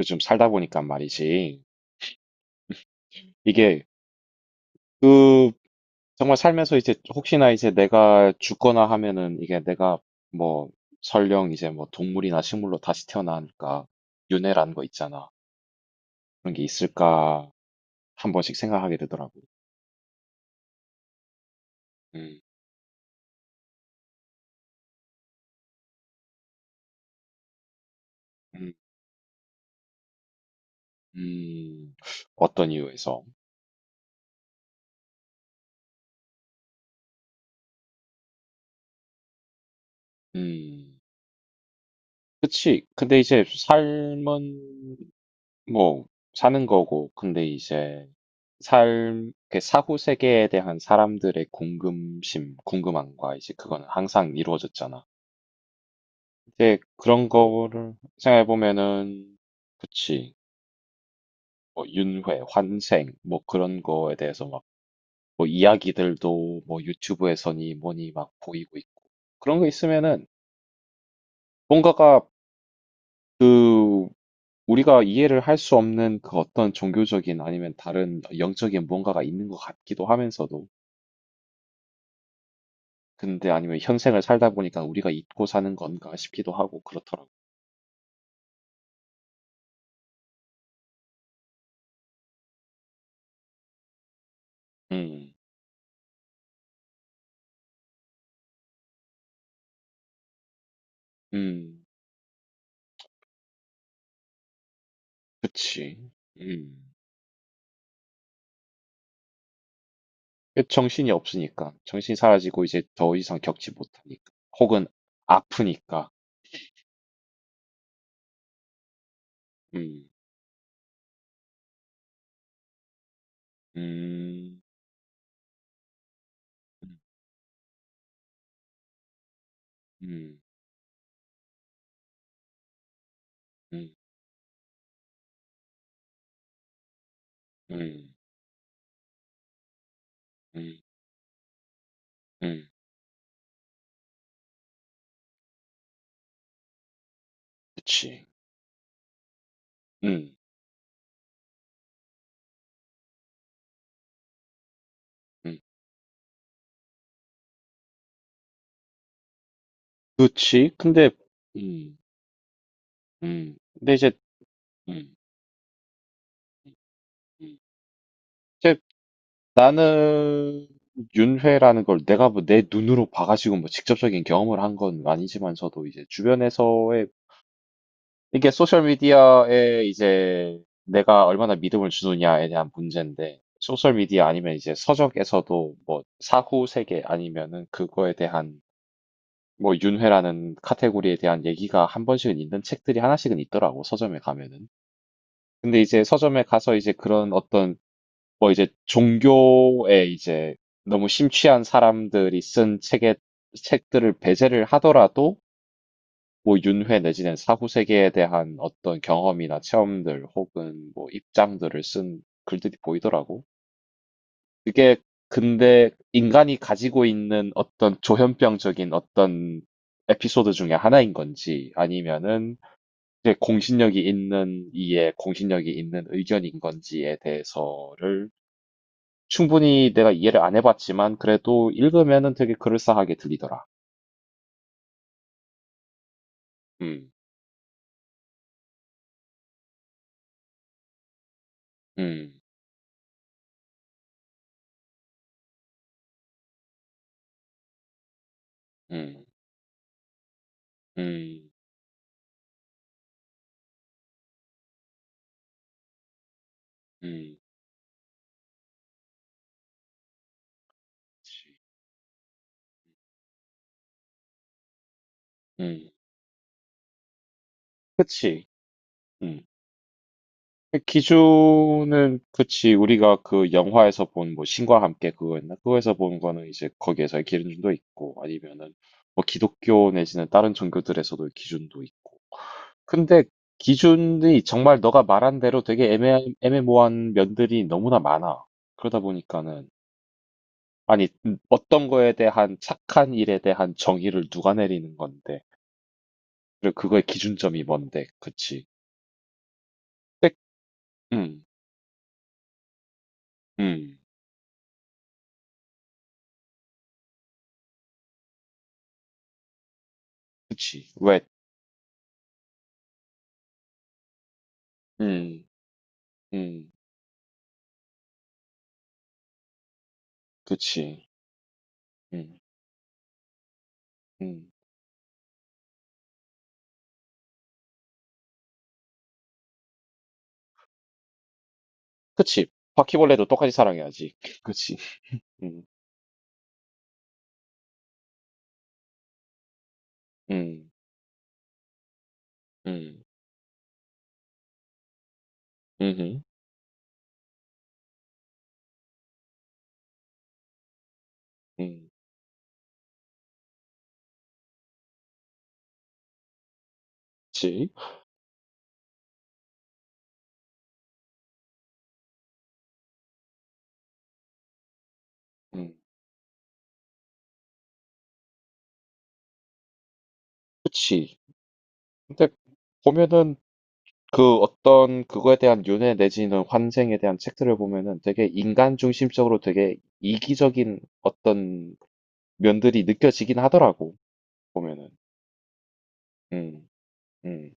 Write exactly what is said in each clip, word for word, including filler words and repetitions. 요즘 살다 보니까 말이지. 이게 그 정말 살면서 이제 혹시나 이제 내가 죽거나 하면은 이게 내가 뭐 설령 이제 뭐 동물이나 식물로 다시 태어나니까 윤회라는 거 있잖아. 그런 게 있을까 한 번씩 생각하게 되더라고. 음. 음. 음. 어떤 이유에서? 음. 그치. 근데 이제 삶은 뭐 사는 거고 근데 이제 삶 그 사후 세계에 대한 사람들의 궁금심, 궁금함과 이제 그거는 항상 이루어졌잖아. 이제 그런 거를 생각해 보면은 그치. 뭐 윤회, 환생 뭐 그런 거에 대해서 막 뭐 이야기들도 뭐 유튜브에서니 뭐니 막 보이고 있고 그런 거 있으면은 뭔가가 그 우리가 이해를 할 수 없는 그 어떤 종교적인 아니면 다른 영적인 뭔가가 있는 것 같기도 하면서도 근데 아니면 현생을 살다 보니까 '우리가 잊고 사는 건가?' 싶기도 하고 그렇더라고. 음. 음. 그치. 음. 그 정신이 없으니까. 정신이 사라지고 이제 더 이상 겪지 못하니까. 혹은 아프니까. 음. 음. 음. 음. 음. 음. 음. 음. 그치. 음. 음. 그치. 근데. 음. 음. 근데 이제. 음. 음. 음. 이제 나는 윤회라는 걸 내가 뭐 내 눈으로 봐가지고 뭐 직접적인 경험을 한 건 아니지만서도 이제 주변에서의 이게 소셜 미디어에 이제 내가 얼마나 믿음을 주느냐에 대한 문제인데 소셜 미디어 아니면 이제 서적에서도 뭐 사후 세계 아니면은 그거에 대한 뭐 윤회라는 카테고리에 대한 얘기가 한 번씩은 있는 책들이 하나씩은 있더라고 서점에 가면은. 근데 이제 서점에 가서 이제 그런 어떤 뭐 이제 종교에 이제 너무 심취한 사람들이 쓴 책의 책들을 배제를 하더라도 뭐 윤회 내지는 사후 세계에 대한 어떤 경험이나 체험들 혹은 뭐 입장들을 쓴 글들이 보이더라고. 그게 근데 인간이 가지고 있는 어떤 조현병적인 어떤 에피소드 중에 하나인 건지 아니면은 이제 공신력이 있는 이의 공신력이 있는 의견인 건지에 대해서를 충분히 내가 이해를 안 해 봤지만 그래도 읽으면은 되게 그럴싸하게 들리더라. 음. 음. 음. 음. 음. 음. 그치. 음. 그 기준은 그치. 우리가 그 영화에서 본 뭐 신과 함께 그거였나? 그거에서 본 거는 이제 거기에서의 기준도 있고 아니면은 뭐 기독교 내지는 다른 종교들에서도 기준도 있고. 근데 기준이 정말 너가 말한 대로 되게 애매 애매모호한 면들이 너무나 많아. 그러다 보니까는 아니, 음, 어떤 거에 대한 착한 일에 대한 정의를 누가 내리는 건데, 그리고 그거의 기준점이 뭔데, 그치? 백. 음. 음. 그치. 왜. 음. 음. 그치. 음. 음. 그치. 바퀴벌레도 똑같이 사랑해야지. 그치. 음. 음. 음. 음. 음. 그치. 음. 그치. 근데 보면은 그 어떤 그거에 대한 윤회 내지는 환생에 대한 책들을 보면은 되게 인간 중심적으로 되게 이기적인 어떤 면들이 느껴지긴 하더라고, 보면은. 음. 음.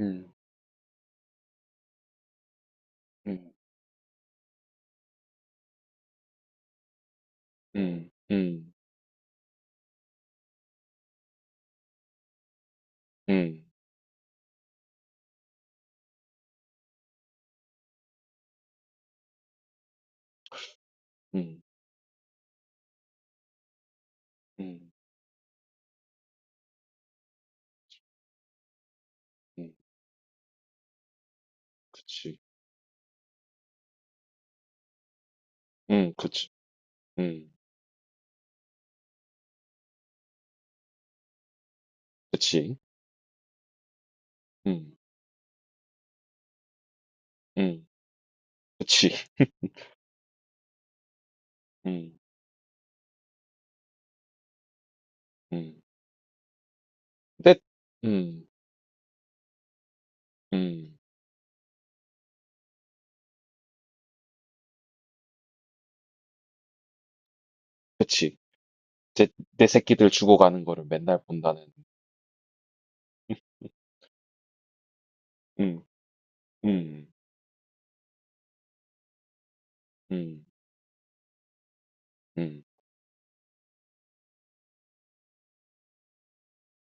음. 음. 음. 음. 음. 음. 음. 음. 그치. 음. 그치. 음. 그치. 음. 음. 그치. 음. 음. 근데. 음. 음. 그치. 제. 내 새끼들 죽어가는 거를 맨날 본다는. 음. 음. 음. 음.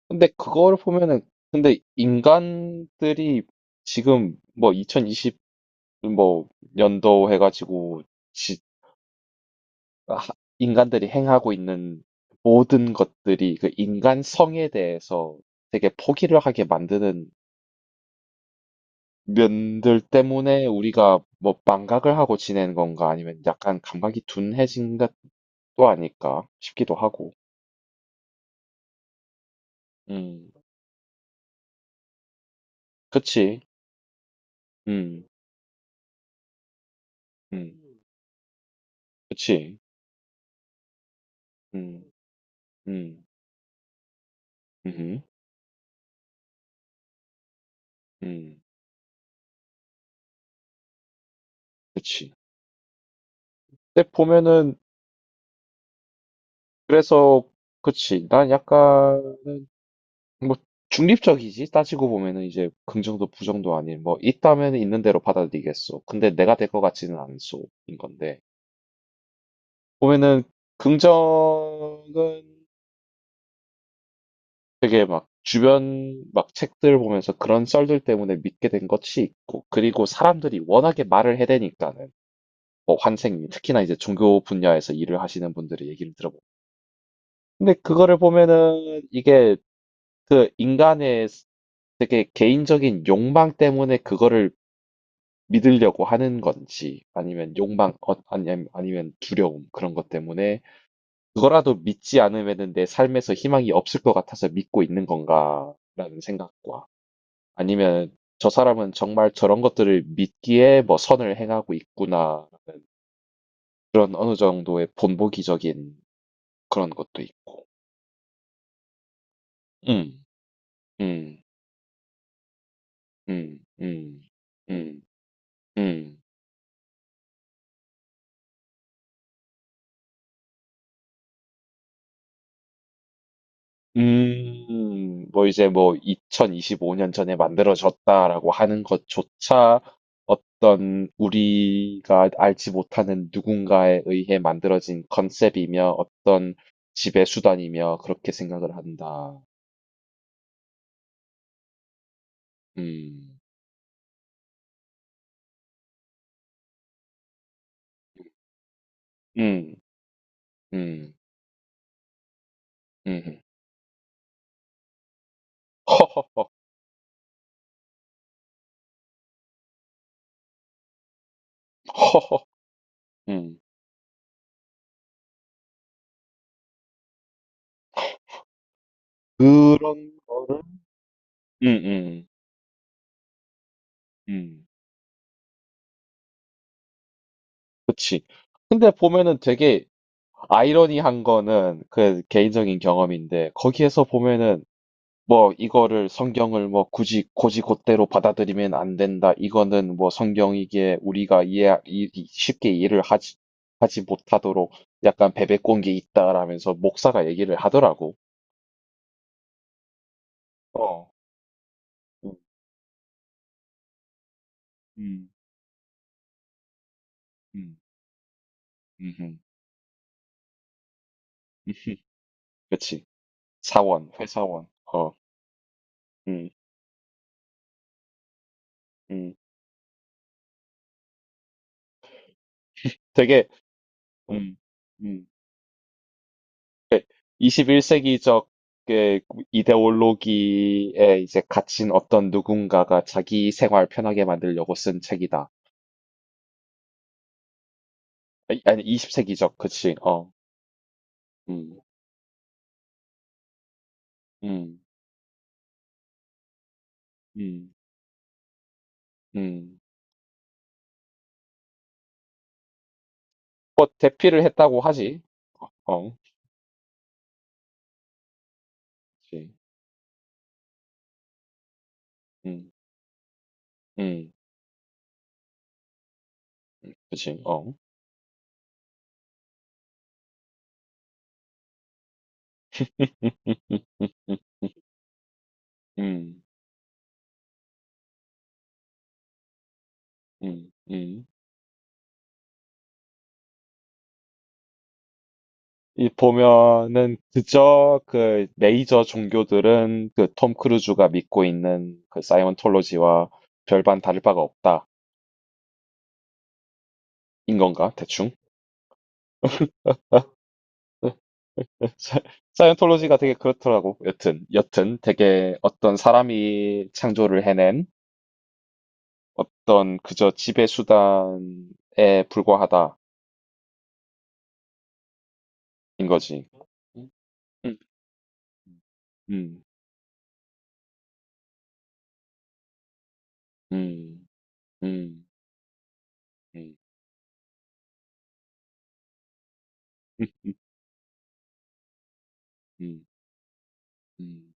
근데 그거를 보면은 근데 인간들이 지금 뭐 이천이십 뭐 연도 해가지고 지- 하- 인간들이 행하고 있는 모든 것들이 그 인간성에 대해서 되게 포기를 하게 만드는 면들 때문에 우리가 뭐 망각을 하고 지내는 건가 아니면 약간 감각이 둔해진 것도 아닐까 싶기도 하고. 음. 그치. 음. 음. 그치. 음. 음. 음음. 음. 그치. 근데 보면은 그래서 그치. 난 약간 뭐 중립적이지. 따지고 보면은 이제 긍정도 부정도 아닌 뭐 있다면 있는 대로 받아들이겠소. 근데 내가 될 것 같지는 않소인 건데. 보면은 긍정은 되게 막 주변 막 책들 보면서 그런 썰들 때문에 믿게 된 것이 있고 그리고 사람들이 워낙에 말을 해대니까는 뭐 환생 특히나 이제 종교 분야에서 일을 하시는 분들의 얘기를 들어보면 근데 그거를 보면은 이게 그 인간의 스- 되게 개인적인 욕망 때문에 그거를 믿으려고 하는 건지 아니면 욕망 어, 아니면 아니면 두려움 그런 것 때문에 그거라도 믿지 않으면은 내 삶에서 희망이 없을 것 같아서 믿고 있는 건가라는 생각과 아니면 저 사람은 정말 저런 것들을 믿기에 뭐 선을 행하고 있구나 그런 어느 정도의 본보기적인 그런 것도 있고. 음. 음. 음. 음. 음. 음. 음. 뭐 이제 뭐 이천이십오 년 전에 만들어졌다라고 하는 것조차 어떤 우리가 알지 못하는 누군가에 의해 만들어진 컨셉이며 어떤 지배 수단이며 그렇게 생각을 한다. 음. 음. 음. 음. 허. 허. 음. 그런 거를. 음. 음. 음. 그치. 근데 보면은 되게 아이러니한 거는 그 개인적인 경험인데 거기에서 보면은 뭐 이거를 성경을 뭐 굳이 곧이곧대로 받아들이면 안 된다. 이거는 뭐 성경이기에 우리가 이해 이- 이- 쉽게 이해를 하지 하지 못하도록 약간 베베꼰 게 있다라면서 목사가 얘기를 하더라고. 어. 음. 음. 음. 음. 그치. 사원, 회사원. 어. 음. 음. 되게. 음. 음. 이십일 세기적의 이데올로기에 이제 갇힌 어떤 누군가가 자기 생활 편하게 만들려고 쓴 책이다. 아니, 아니 이십 세기적, 그치, 어. 음. 음. 음. 음. 뭐, 대피를 했다고 하지. 어. 그치. 음. 음. 그치. 어. 음. 음. 음. 이 보면은 그저 그 메이저 종교들은 그 톰 크루즈가 믿고 있는 그 사이언톨로지와 별반 다를 바가 없다. 인 건가? 대충? 사- 사이언톨로지가 되게 그렇더라고. 여튼, 여튼 되게 어떤 사람이 창조를 해낸 어떤 그저 지배 수단에 불과하다. 인 거지. 음. 음. 음. 음. 음. 음. 음. 음. 음.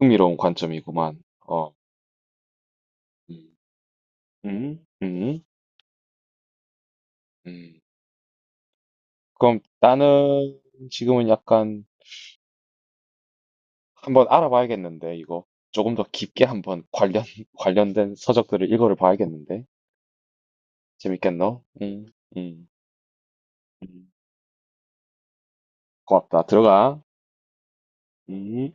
흥미로운 관점이구만. 어. 음. 음. 음. 음. 그럼 나는 지금은 약간 한번 알아봐야겠는데 이거 조금 더 깊게 한번 관련 관련된 서적들을 읽어를 봐야겠는데 재밌겠노? 음. 음. 음. 고맙다. 들어가. 음.